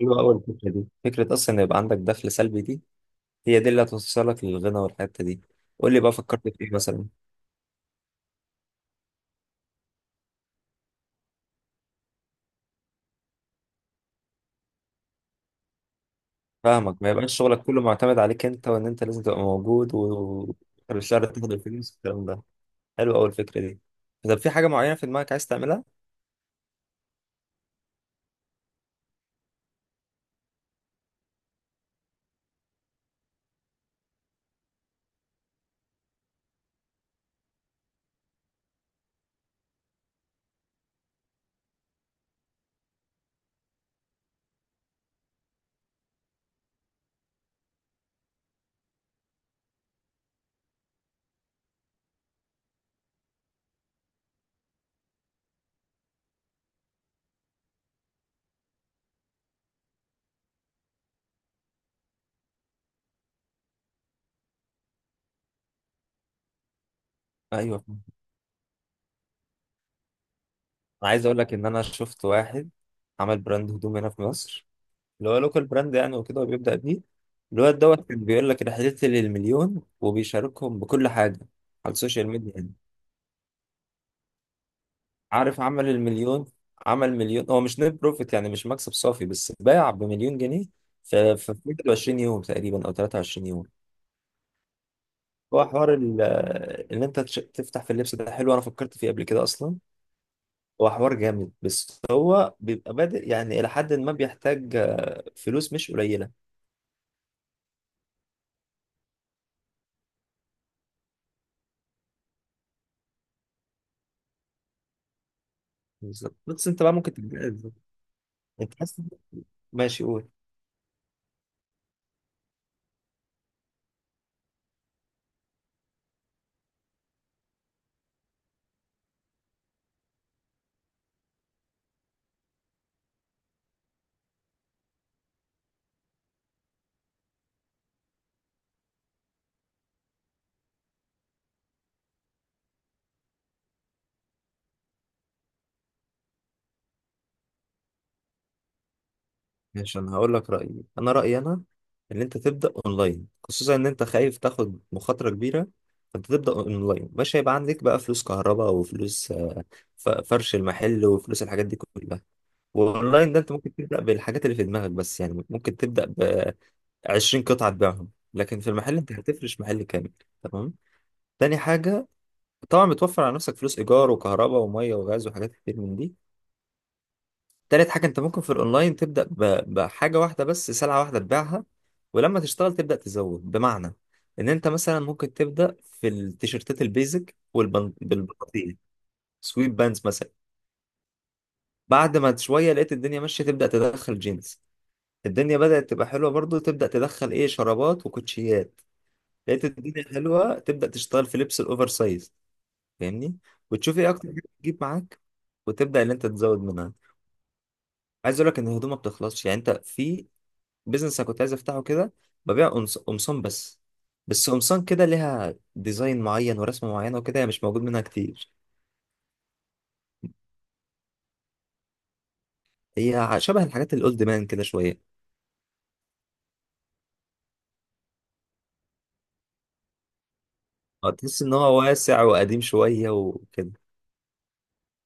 حلوة أوي الفكرة دي، فكرة أصلا إن يبقى عندك دخل سلبي. دي هي دي اللي هتوصلك للغنى والحتة دي. قول لي بقى فكرت في إيه مثلا؟ فاهمك. ما يبقاش شغلك كله معتمد عليك أنت، وإن أنت لازم تبقى موجود و آخر الشهر تاخد الفلوس والكلام ده. حلو أوي الفكرة دي. طب في حاجة معينة في دماغك عايز تعملها؟ أيوه، أنا عايز أقول لك إن أنا شفت واحد عمل براند هدوم هنا في مصر، اللي هو لوكال براند يعني وكده، وبيبدأ بيه الواد دوت كان بيقول لك رحلتي للمليون، وبيشاركهم بكل حاجة على السوشيال ميديا يعني. عارف عمل المليون؟ عمل مليون، هو مش نت بروفيت يعني، مش مكسب صافي، بس باع بمليون جنيه في 21 يوم تقريبا او 23 يوم. هو حوار ان انت تفتح في اللبس ده حلو، انا فكرت فيه قبل كده اصلا. هو حوار جامد، بس هو بيبقى بادئ يعني الى حد ما، بيحتاج فلوس مش قليله. بالظبط. بس انت بقى ممكن تتجوز. انت حاسس؟ ماشي، قول. ماشي، انا هقول لك رايي. انا رايي انا ان انت تبدا اونلاين، خصوصا ان انت خايف تاخد مخاطره كبيره. فانت تبدا اونلاين، مش هيبقى عندك بقى فلوس كهرباء وفلوس فرش المحل وفلوس الحاجات دي كلها. واونلاين ده انت ممكن تبدا بالحاجات اللي في دماغك بس يعني، ممكن تبدا ب 20 قطعه تبيعهم، لكن في المحل انت هتفرش محل كامل. تمام. تاني حاجه، طبعا بتوفر على نفسك فلوس ايجار وكهرباء وميه وغاز وحاجات كتير من دي. تالت حاجة، انت ممكن في الاونلاين تبدأ بحاجة واحدة بس، سلعة واحدة تبيعها، ولما تشتغل تبدأ تزود، بمعنى ان انت مثلا ممكن تبدأ في التيشيرتات البيزك والبناطيل، سويت بانز مثلا. بعد ما شوية لقيت الدنيا ماشية، تبدأ تدخل جينز. الدنيا بدأت تبقى حلوة برضو، تبدأ تدخل ايه، شرابات وكوتشيات. لقيت الدنيا حلوة، تبدأ تشتغل في لبس الاوفر سايز، فاهمني. وتشوف ايه اكتر حاجة بتجيب معاك، وتبدأ ان انت تزود منها. عايز اقول لك ان الهدوم ما بتخلصش يعني. انت في بيزنس انا كنت عايز افتحه كده، ببيع قمصان بس. بس قمصان كده ليها ديزاين معين ورسمه معينه وكده، هي مش موجود منها كتير. هي شبه الحاجات الاولد مان كده شويه. تحس ان هو واسع وقديم شويه وكده.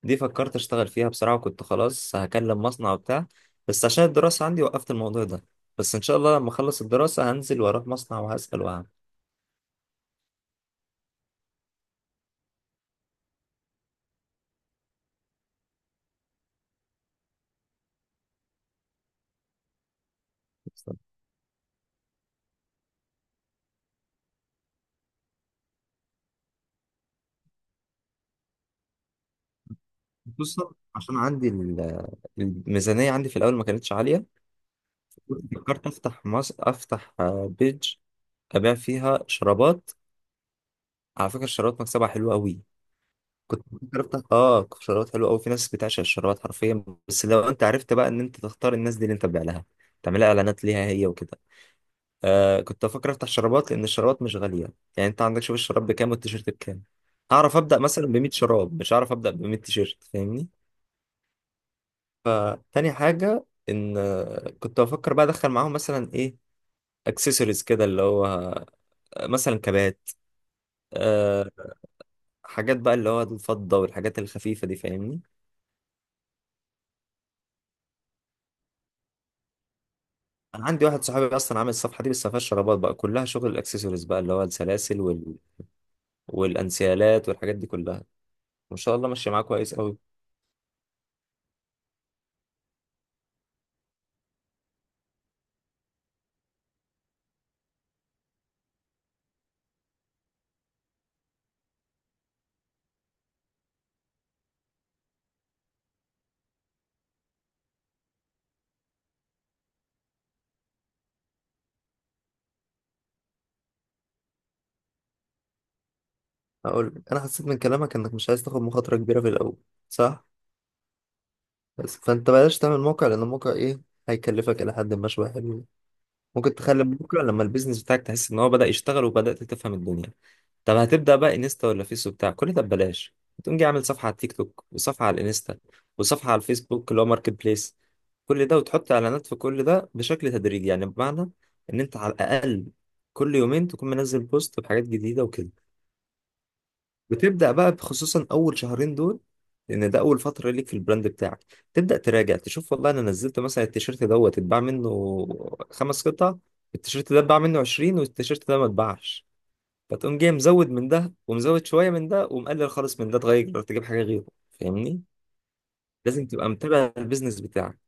دي فكرت اشتغل فيها بصراحه، وكنت خلاص هكلم مصنع وبتاع، بس عشان الدراسه عندي وقفت الموضوع ده. بس ان شاء الله لما اخلص الدراسه هنزل واروح مصنع وهسال وهعمل. خصوصا عشان عندي الميزانيه عندي في الاول ما كانتش عاليه. فكرت افتح بيج ابيع فيها شرابات. على فكره، الشرابات مكسبها حلو قوي. كنت بفكر افتح شرابات، حلوه قوي، في ناس بتعشق الشرابات حرفيا. بس لو انت عرفت بقى ان انت تختار الناس دي اللي انت تبيع لها، تعملها اعلانات ليها هي وكده. كنت بفكر افتح شرابات لان الشرابات مش غاليه. يعني انت عندك، شوف الشراب بكام والتيشيرت بكام. هعرف ابدا مثلا ب 100 شراب، مش هعرف ابدا ب 100 تيشيرت، فاهمني. فتاني حاجه ان كنت بفكر بقى ادخل معاهم مثلا ايه، اكسسوارز كده، اللي هو مثلا كبات. أه حاجات بقى اللي هو الفضة والحاجات الخفيفة دي، فاهمني. أنا عندي واحد صاحبي أصلا عامل الصفحة دي، بس ما فيهاش شرابات بقى، كلها شغل الأكسسوارز بقى، اللي هو السلاسل والأنسيالات والحاجات دي كلها. ما شاء الله ماشية معاك كويس أوي. أقول، أنا حسيت من كلامك إنك مش عايز تاخد مخاطرة كبيرة في الأول، صح؟ بس فأنت بلاش تعمل موقع، لأن الموقع إيه، هيكلفك إلى حد ما شوية حلوين. ممكن تخلي بكره لما البيزنس بتاعك تحس ان هو بدأ يشتغل وبدأت تفهم الدنيا. طب هتبدأ بقى انستا ولا فيس وبتاع، كل ده ببلاش. تقوم جاي عامل صفحة على التيك توك، وصفحة على الانستا، وصفحة على الفيسبوك اللي هو ماركت بليس. كل ده وتحط اعلانات في كل ده بشكل تدريجي يعني، بمعنى ان انت على الاقل كل يومين تكون منزل بوست بحاجات جديدة وكده. بتبدأ بقى خصوصا أول شهرين دول، لأن ده أول فترة ليك في البراند بتاعك. تبدأ تراجع تشوف. والله أنا نزلت مثلا التيشيرت دوت اتباع منه 5 قطع، التيشيرت ده اتباع منه 20، والتيشيرت ده ما اتباعش. فتقوم جاي مزود من ده، ومزود شوية من ده، ومقلل خالص من ده، تغير تجيب حاجة غيره. فاهمني؟ لازم تبقى متابع البيزنس بتاعك.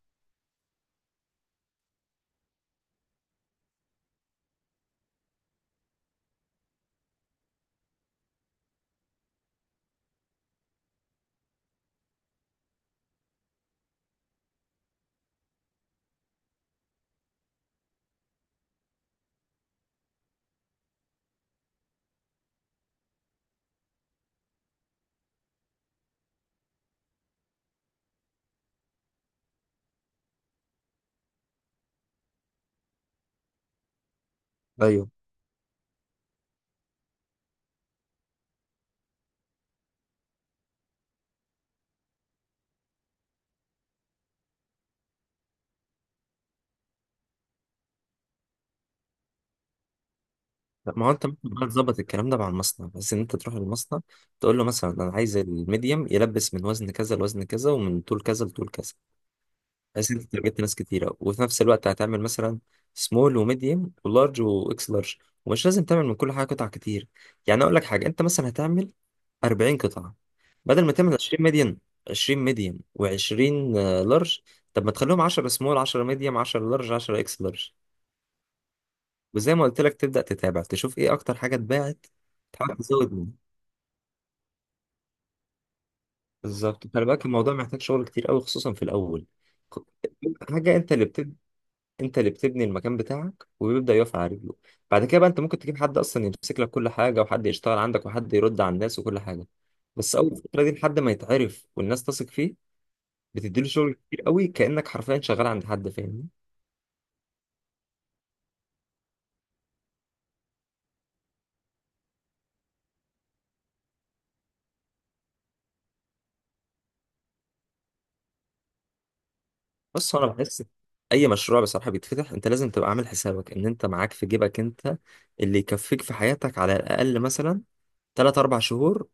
ايوه. لا، ما هو انت ممكن بقى تظبط الكلام ده مع المصنع، بس ان انت تروح للمصنع تقول له مثلا انا عايز الميديم يلبس من وزن كذا لوزن كذا، ومن طول كذا لطول كذا. بحيث انت تارجت ناس كتيره، وفي نفس الوقت هتعمل مثلا سمول وميديوم ولارج واكس لارج. ومش لازم تعمل من كل حاجه قطع كتير. يعني اقول لك حاجه، انت مثلا هتعمل 40 قطعه، بدل ما تعمل 20 ميديوم، 20 ميديوم و20 لارج. طب ما تخليهم 10 سمول، 10 ميديوم، 10 لارج، 10 اكس لارج. وزي ما قلت لك تبدا تتابع تشوف ايه اكتر حاجه اتباعت، تحاول تزود منها. بالظبط. خلي بالك، الموضوع محتاج شغل كتير قوي خصوصا في الاول. خ- حاجه انت اللي بتبدا، انت اللي بتبني المكان بتاعك وبيبدأ يقف على رجله. بعد كده بقى، انت ممكن تجيب حد اصلا يمسك لك كل حاجه، وحد يشتغل عندك، وحد يرد على الناس وكل حاجه. بس اول فتره دي لحد ما يتعرف والناس تثق فيه. بتديله شغل كتير قوي، كأنك حرفيا شغال عند حد، فاهمني. بس انا بحس اي مشروع بصراحه بيتفتح، انت لازم تبقى عامل حسابك ان انت معاك في جيبك انت اللي يكفيك في حياتك على الاقل مثلا 3 4 شهور.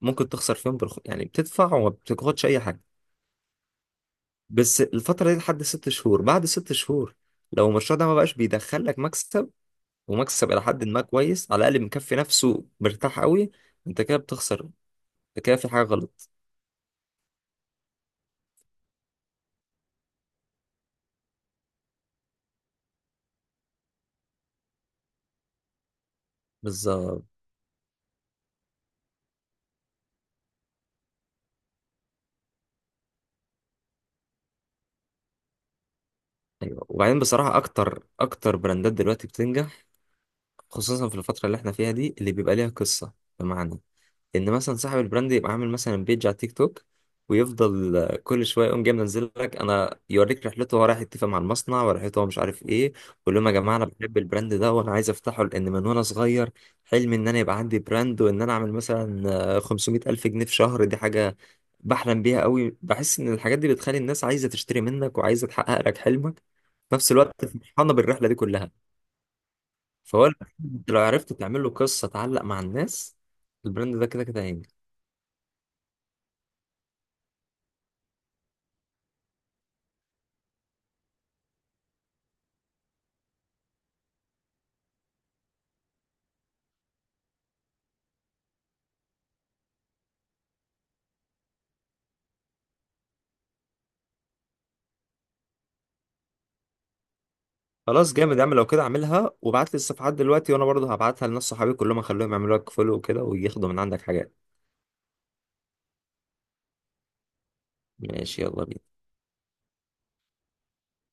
ممكن تخسر فيهم يعني بتدفع وما بتاخدش اي حاجه. بس الفترة دي لحد 6 شهور. بعد 6 شهور لو المشروع ده ما بقاش بيدخل لك مكسب، ومكسب إلى حد ما كويس، على الأقل مكفي نفسه مرتاح قوي، أنت كده بتخسر. أنت كده في حاجة غلط. بالظبط. أيوة. وبعدين بصراحة، أكتر أكتر براندات دلوقتي بتنجح، خصوصا في الفترة اللي إحنا فيها دي، اللي بيبقى ليها قصة. بمعنى ان مثلا صاحب البراند يبقى عامل مثلا بيج على تيك توك، ويفضل كل شويه يقوم جاي منزل لك انا يوريك رحلته، هو رايح يتفق مع المصنع ورحلته هو مش عارف ايه، ويقول لهم يا جماعه انا بحب البراند ده وانا عايز افتحه، لان من وانا صغير حلمي ان انا يبقى عندي براند، وان انا اعمل مثلا 500 الف جنيه في شهر. دي حاجه بحلم بيها قوي، بحس ان الحاجات دي بتخلي الناس عايزه تشتري منك، وعايزه تحقق لك حلمك. في نفس الوقت فرحانه بالرحله دي كلها. فهو البراند لو عرفت تعمل له قصه تعلق مع الناس، البراند ده كده كده هينجح. خلاص جامد يا عم. لو كده اعملها، وابعت لي الصفحات دلوقتي، وانا برضه هبعتها لناس صحابي كلهم، اخليهم يعملوا لك فولو وكده، وياخدوا من عندك حاجات. ماشي، يلا بينا.